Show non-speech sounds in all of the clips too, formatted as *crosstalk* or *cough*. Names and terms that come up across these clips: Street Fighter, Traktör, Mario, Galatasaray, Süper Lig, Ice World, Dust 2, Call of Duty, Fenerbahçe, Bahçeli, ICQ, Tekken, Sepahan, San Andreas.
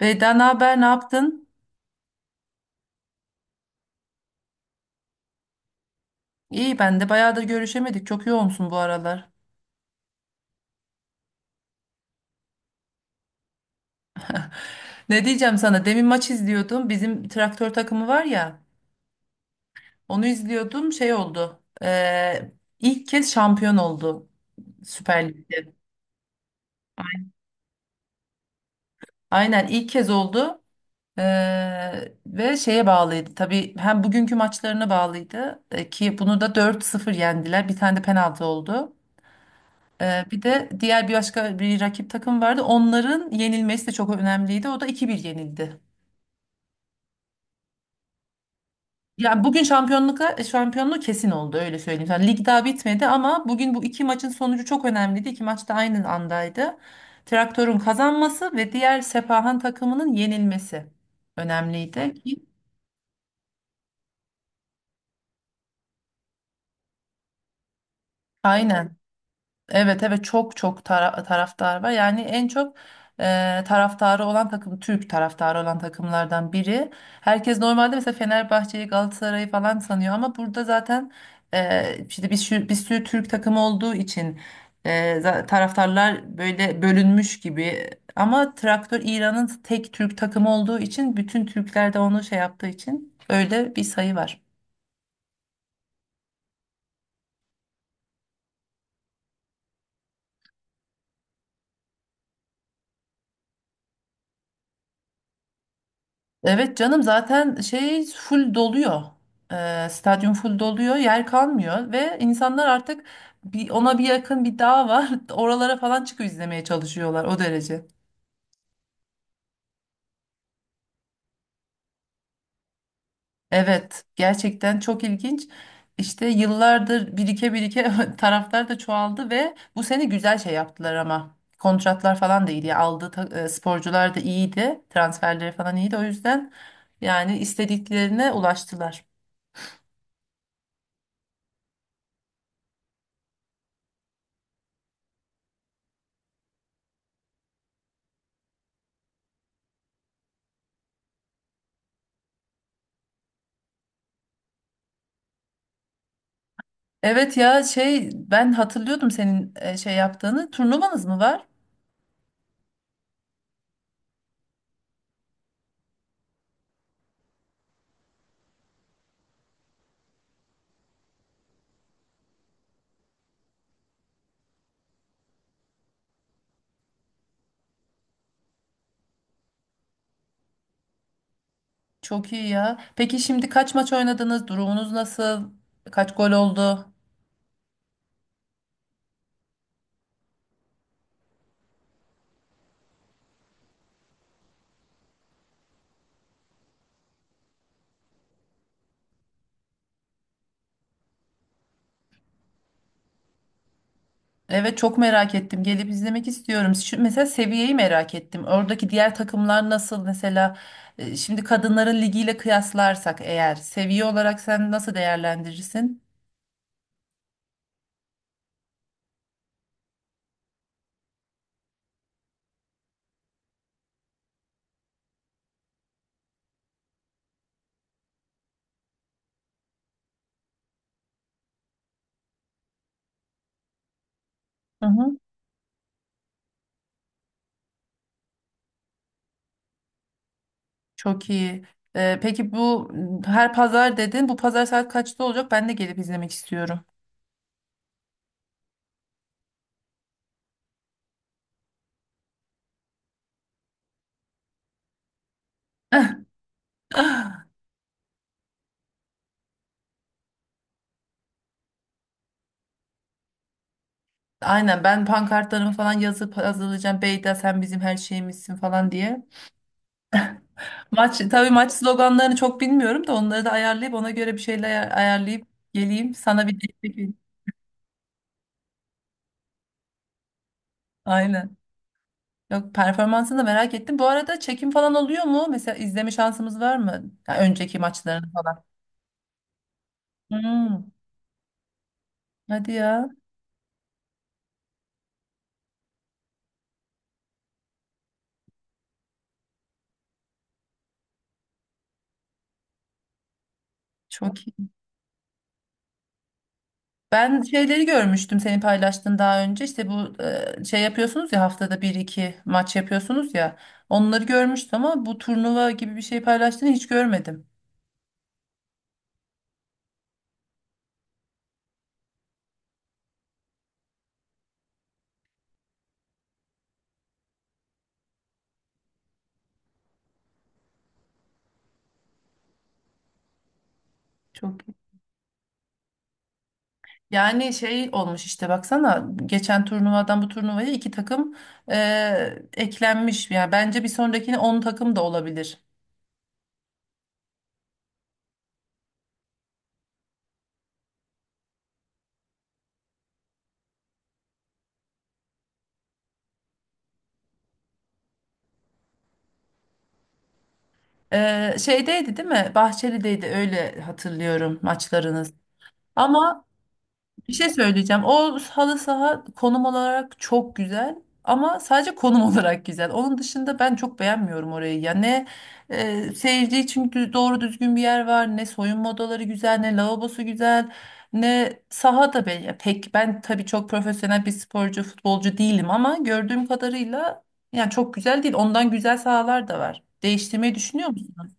Beyda, ne haber, ne yaptın? İyi, ben de bayağıdır görüşemedik. Çok yoğunsun bu aralar. *laughs* Ne diyeceğim sana? Demin maç izliyordum. Bizim Traktör takımı var ya. Onu izliyordum. Şey oldu. İlk kez şampiyon oldu Süper Lig'de. Aynen, ilk kez oldu. Ve şeye bağlıydı. Tabii hem bugünkü maçlarına bağlıydı. Ki bunu da 4-0 yendiler. Bir tane de penaltı oldu. Bir de diğer bir başka bir rakip takım vardı. Onların yenilmesi de çok önemliydi. O da iki 1 yenildi. Yani bugün şampiyonluğu kesin oldu, öyle söyleyeyim. Yani lig daha bitmedi ama bugün bu iki maçın sonucu çok önemliydi. İki maç da aynı andaydı. Traktör'ün kazanması ve diğer Sepahan takımının yenilmesi önemliydi ki. Aynen. Evet, evet, çok çok taraftar var. Yani en çok taraftarı olan takım, Türk taraftarı olan takımlardan biri. Herkes normalde mesela Fenerbahçe'yi, Galatasaray'ı falan sanıyor ama burada zaten işte bir sürü Türk takımı olduğu için, e, taraftarlar böyle bölünmüş gibi. Ama Traktör İran'ın tek Türk takımı olduğu için, bütün Türkler de onu şey yaptığı için öyle bir sayı var. Evet canım, zaten şey full doluyor. Stadyum full doluyor, yer kalmıyor ve insanlar artık ona bir yakın bir dağ var. *laughs* Oralara falan çıkıp izlemeye çalışıyorlar, o derece. Evet, gerçekten çok ilginç. İşte yıllardır birike birike *laughs* taraftar da çoğaldı ve bu sene güzel şey yaptılar ama. Kontratlar falan da iyiydi. Sporcular da iyiydi. Transferleri falan iyiydi. O yüzden yani istediklerine ulaştılar. Evet ya, şey, ben hatırlıyordum senin şey yaptığını. Turnuvanız mı var? Çok iyi ya. Peki şimdi kaç maç oynadınız? Durumunuz nasıl? Kaç gol oldu? Evet, çok merak ettim. Gelip izlemek istiyorum. Mesela, seviyeyi merak ettim. Oradaki diğer takımlar nasıl? Mesela şimdi kadınların ligiyle kıyaslarsak eğer, seviye olarak sen nasıl değerlendirirsin? Hı hı. Çok iyi. Peki bu her pazar dedin. Bu pazar saat kaçta olacak? Ben de gelip izlemek istiyorum. *laughs* Aynen, ben pankartlarımı falan yazıp hazırlayacağım. "Beyda sen bizim her şeyimizsin" falan diye. Tabii maç sloganlarını çok bilmiyorum da onları da ayarlayıp, ona göre bir şeyler ayarlayıp geleyim. Sana bir destek olayım. Aynen. Yok, performansını da merak ettim. Bu arada çekim falan oluyor mu? Mesela izleme şansımız var mı, ya önceki maçlarını falan? Hmm, hadi ya. Çok iyi. Ben şeyleri görmüştüm, senin paylaştığın, daha önce, işte bu şey yapıyorsunuz ya, haftada bir iki maç yapıyorsunuz ya, onları görmüştüm ama bu turnuva gibi bir şey paylaştığını hiç görmedim. Çok iyi. Yani şey olmuş işte, baksana, geçen turnuvadan bu turnuvaya iki takım eklenmiş. Yani bence bir sonrakine 10 takım da olabilir. Şeydeydi değil mi? Bahçeli'deydi, öyle hatırlıyorum maçlarınız. Ama bir şey söyleyeceğim. O halı saha konum olarak çok güzel ama sadece konum *laughs* olarak güzel. Onun dışında ben çok beğenmiyorum orayı. Ya ne e, seyirci için dü- doğru düzgün bir yer var, ne soyunma odaları güzel, ne lavabosu güzel, ne saha da ya, pek, ben tabii çok profesyonel bir sporcu, futbolcu değilim ama gördüğüm kadarıyla yani çok güzel değil. Ondan güzel sahalar da var. Değiştirmeyi düşünüyor musun?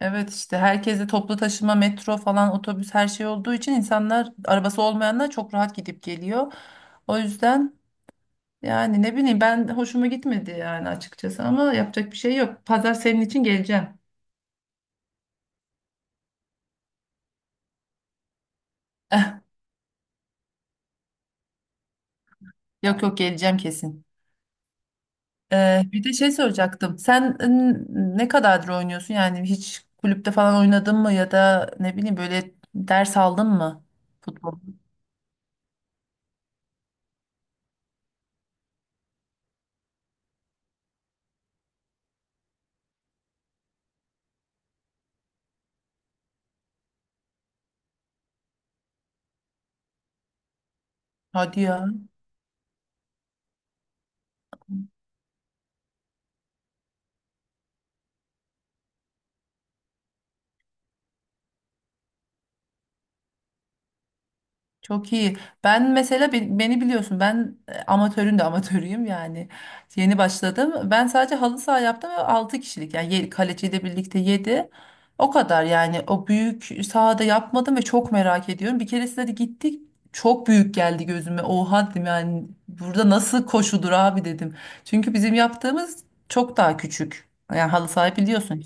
Evet işte, herkese toplu taşıma, metro falan, otobüs, her şey olduğu için, insanlar, arabası olmayanlar, çok rahat gidip geliyor. O yüzden yani, ne bileyim, ben hoşuma gitmedi yani açıkçası ama yapacak bir şey yok. Pazar senin için geleceğim. *laughs* Yok yok, geleceğim kesin. Bir de şey soracaktım. Sen ne kadardır oynuyorsun? Yani hiç kulüpte falan oynadın mı, ya da ne bileyim, böyle ders aldın mı futbol? Hadi ya. Çok iyi. Ben mesela, beni biliyorsun, ben amatörün de amatörüyüm yani. Yeni başladım. Ben sadece halı saha yaptım ve 6 kişilik yani kaleciyle birlikte 7. O kadar, yani o büyük sahada yapmadım ve çok merak ediyorum. Bir keresinde de gittik, çok büyük geldi gözüme. "Oha" dedim, yani burada nasıl koşudur abi dedim. Çünkü bizim yaptığımız çok daha küçük. Yani halı saha biliyorsun.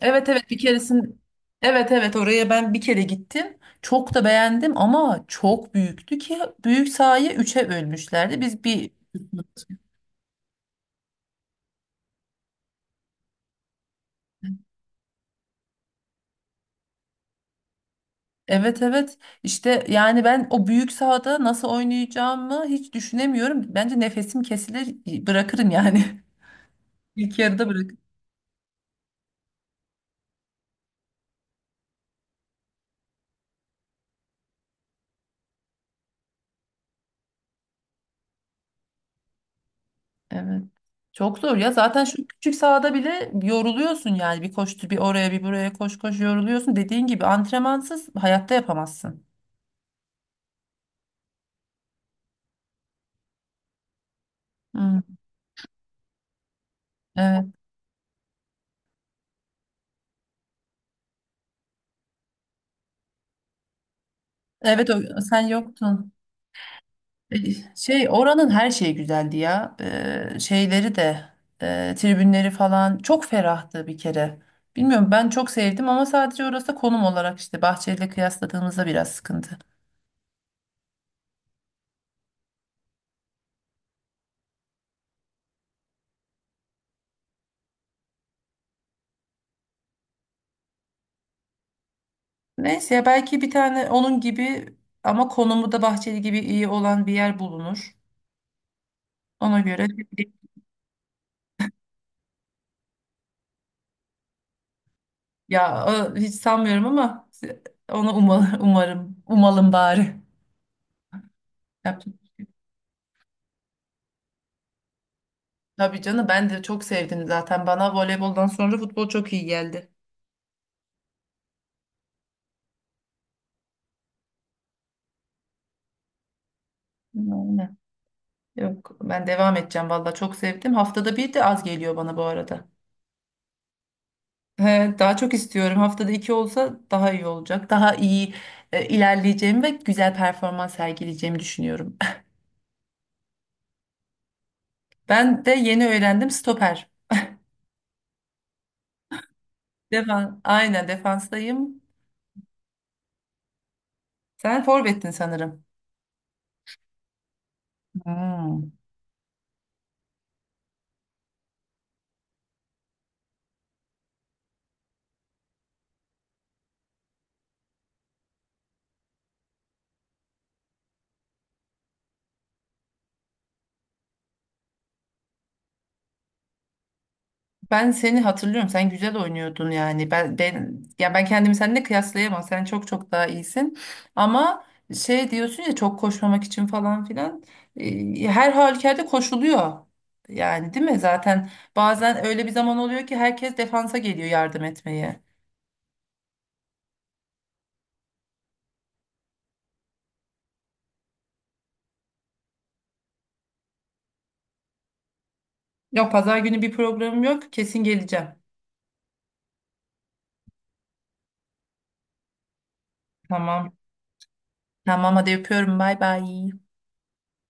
Evet evet, bir keresin evet evet, oraya ben bir kere gittim. Çok da beğendim ama çok büyüktü ki büyük sahayı üçe bölmüşlerdi. Biz bir. Evet evet, işte yani ben o büyük sahada nasıl oynayacağımı hiç düşünemiyorum. Bence nefesim kesilir, bırakırım yani. *laughs* İlk yarıda bırakırım. Evet. Çok zor ya, zaten şu küçük sahada bile yoruluyorsun yani, bir koştu, bir oraya bir buraya, koş koş, yoruluyorsun. Dediğin gibi, antrenmansız hayatta yapamazsın. Hı. Evet. Evet, sen yoktun. E, Şey, oranın her şeyi güzeldi ya. Şeyleri de tribünleri falan çok ferahtı bir kere. Bilmiyorum, ben çok sevdim ama sadece, orası da konum olarak işte Bahçeli'yle kıyasladığımızda biraz sıkıntı. Neyse ya, belki bir tane onun gibi ama konumu da Bahçeli gibi iyi olan bir yer bulunur. Ona göre. *laughs* Ya, hiç sanmıyorum ama onu umalım, umarım, umalım bari. Yapacak. Tabii canım, ben de çok sevdim zaten. Bana voleyboldan sonra futbol çok iyi geldi. Aynen. Yok, ben devam edeceğim valla, çok sevdim. Haftada bir de az geliyor bana bu arada. *laughs* He, daha çok istiyorum. Haftada iki olsa daha iyi olacak. Daha iyi ilerleyeceğimi ve güzel performans sergileyeceğimi düşünüyorum. *laughs* Ben de yeni öğrendim, stoper. Aynen, defanstayım. Sen forvettin sanırım. Hmm. Ben seni hatırlıyorum. Sen güzel oynuyordun yani. Ben, ya ben kendimi seninle kıyaslayamam. Sen çok çok daha iyisin. Ama şey diyorsun ya, çok koşmamak için falan filan. Her halükarda koşuluyor. Yani değil mi? Zaten bazen öyle bir zaman oluyor ki, herkes defansa geliyor yardım etmeye. Yok, pazar günü bir programım yok. Kesin geleceğim. Tamam. Tamam, hadi öpüyorum. Bay bay.